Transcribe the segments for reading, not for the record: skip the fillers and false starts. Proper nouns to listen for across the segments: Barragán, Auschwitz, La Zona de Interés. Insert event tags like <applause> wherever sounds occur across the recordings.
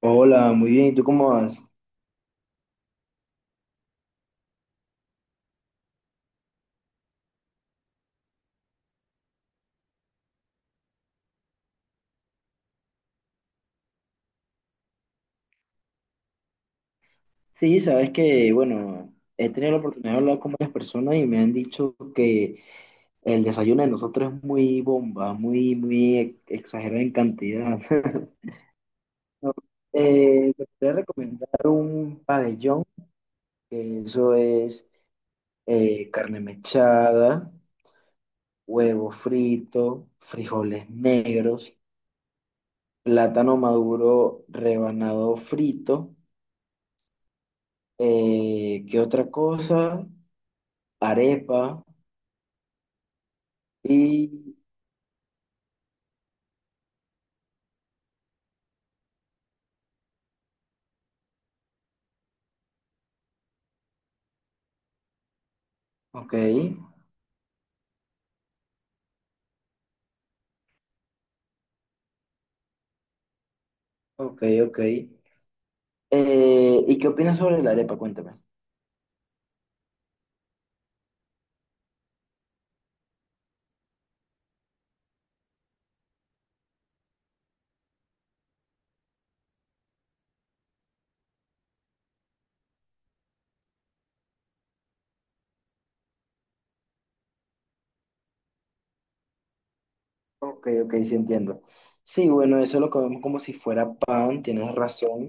Hola, muy bien. ¿Y tú cómo vas? Sí, sabes que, bueno, he tenido la oportunidad de hablar con varias personas y me han dicho que el desayuno de nosotros es muy bomba, muy, exagerado en cantidad. <laughs> No, te podría recomendar un pabellón, que eso es carne mechada, huevo frito, frijoles negros, plátano maduro rebanado frito, ¿qué otra cosa? Arepa y... Ok, ok, ok. ¿Y qué opinas sobre la arepa? Cuéntame. Ok, ok, sí entiendo. Sí, bueno, eso lo comemos como si fuera pan, tienes razón.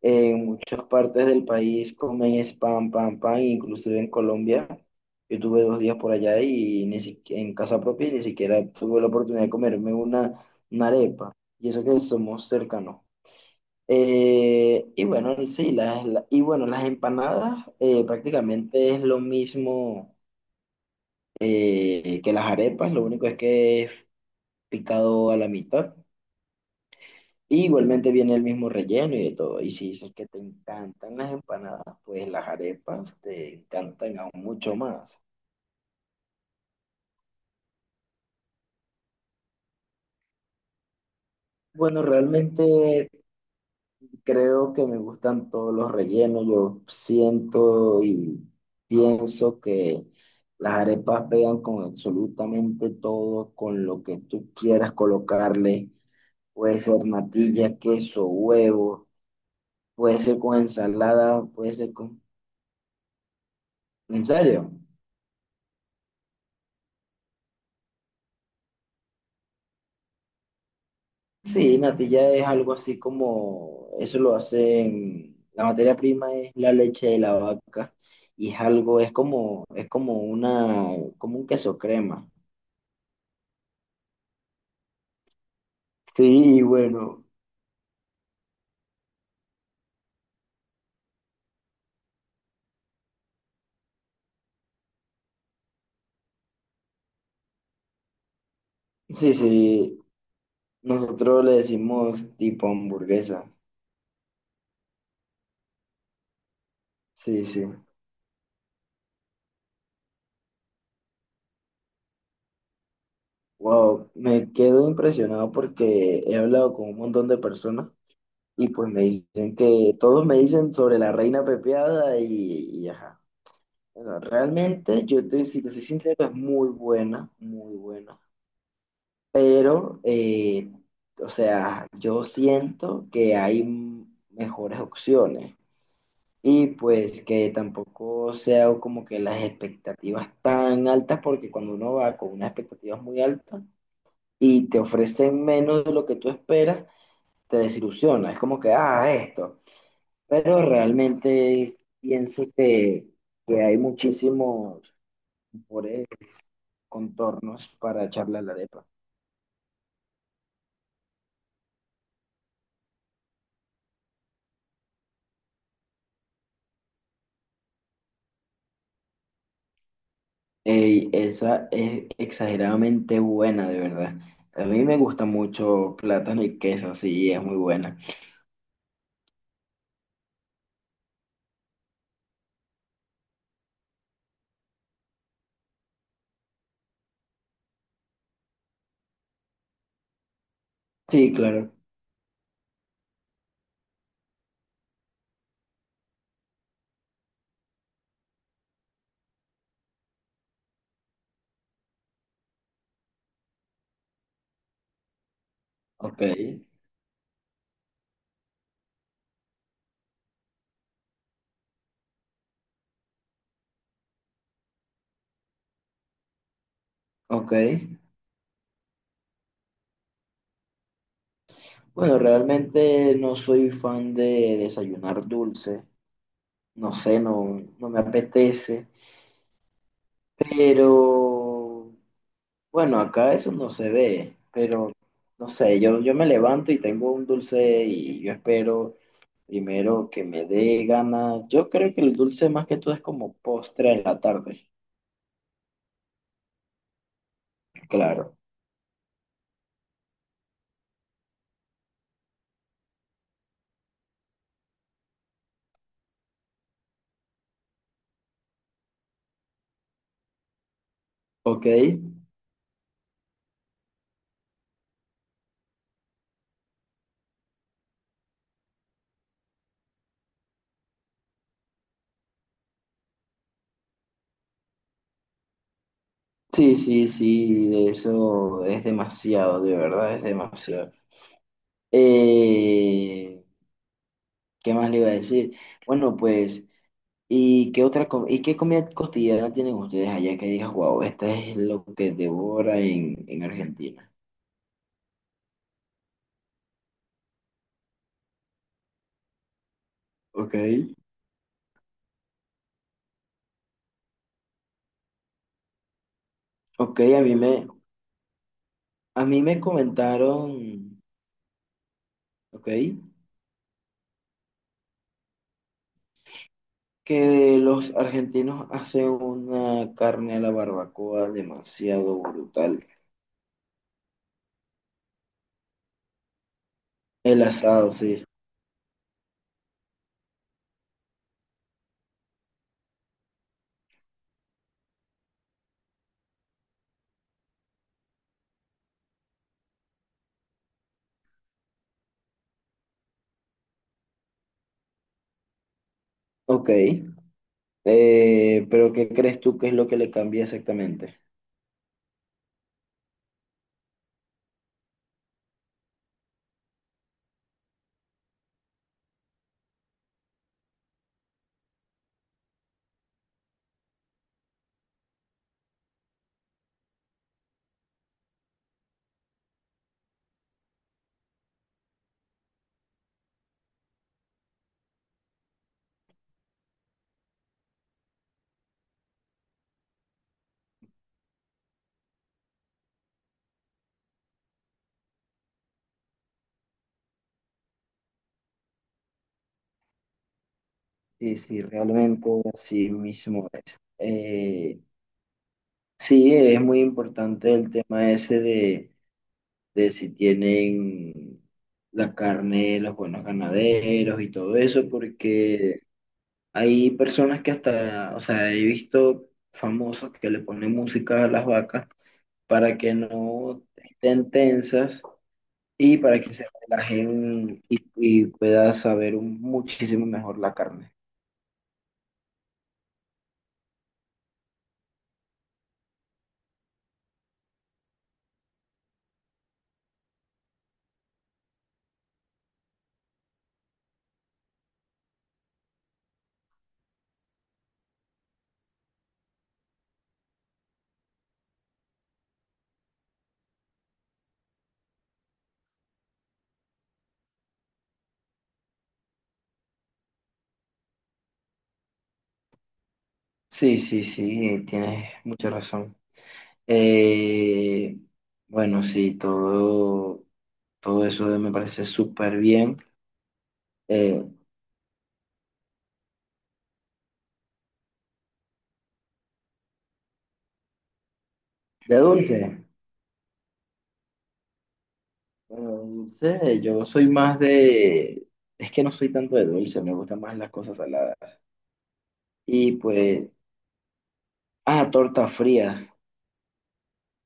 En muchas partes del país comen es pan, pan, pan, inclusive en Colombia. Yo tuve dos días por allá y ni si- en casa propia y ni siquiera tuve la oportunidad de comerme una arepa. Y eso que somos cercanos. Y bueno, sí, y bueno, las empanadas prácticamente es lo mismo que las arepas, lo único es que es picado a la mitad. Y igualmente viene el mismo relleno y de todo. Y si dices que te encantan las empanadas, pues las arepas te encantan aún mucho más. Bueno, realmente creo que me gustan todos los rellenos. Yo siento y pienso que las arepas pegan con absolutamente todo, con lo que tú quieras colocarle. Puede ser natilla, queso, huevo, puede ser con ensalada, puede ser con... ¿En serio? Sí, natilla es algo así como, eso lo hacen, la materia prima es la leche de la vaca y es algo, es como una, como un queso crema. Sí, bueno, sí, sí, nosotros le decimos tipo hamburguesa, sí, sí. Wow, me quedo impresionado porque he hablado con un montón de personas y pues me dicen que todos me dicen sobre la reina pepeada y ajá. Bueno, realmente yo te, si te soy sincero, es muy buena, pero, o sea, yo siento que hay mejores opciones. Y pues que tampoco sea como que las expectativas tan altas, porque cuando uno va con unas expectativas muy altas y te ofrecen menos de lo que tú esperas, te desilusiona. Es como que, ah, esto. Pero realmente pienso que hay muchísimos por- contornos para echarle a la arepa. Ey, esa es exageradamente buena, de verdad. A mí me gusta mucho plátano y queso, sí, es muy buena. Sí, claro. Ok. Ok. Bueno, realmente no soy fan de desayunar dulce. No sé, no, no me apetece. Pero bueno, acá eso no se ve. Pero no sé, yo me levanto y tengo un dulce y yo espero primero que me dé ganas. Yo creo que el dulce más que todo es como postre en la tarde. Claro. Ok. Sí, sí, sí, de eso es demasiado, de verdad es demasiado. Eh, ¿Qué más le iba a decir? Bueno, pues, ¿y qué comida cotidiana tienen ustedes allá que digas, wow, esta es lo que devora en Argentina? Ok. Ok, a mí me, a mí me comentaron, ok, que los argentinos hacen una carne a la barbacoa demasiado brutal. El asado, sí. Ok. Pero ¿qué crees tú que es lo que le cambia exactamente? Sí, sí, realmente así mismo es. Sí, es muy importante el tema ese de si tienen la carne, los buenos ganaderos y todo eso, porque hay personas que hasta, o sea, he visto famosos que le ponen música a las vacas para que no estén tensas y para que se relajen y pueda muchísimo mejor la carne. Sí, sí, sí, tienes mucha razón. Eh, bueno, sí, todo. Todo eso me parece súper bien. Eh, de dulce, bueno, de dulce, yo soy más de... Es que no soy tanto de dulce, me gustan más las cosas saladas. Y pues, ah,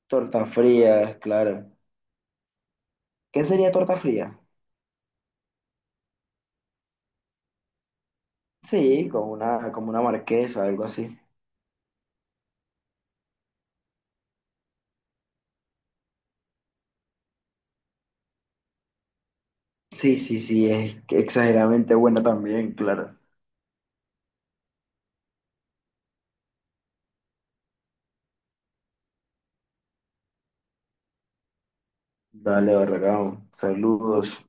torta fría, claro. ¿Qué sería torta fría? Sí, como una marquesa, algo así. Sí, sí, sí, es que exageradamente buena también, claro. Dale, Barragán, saludos.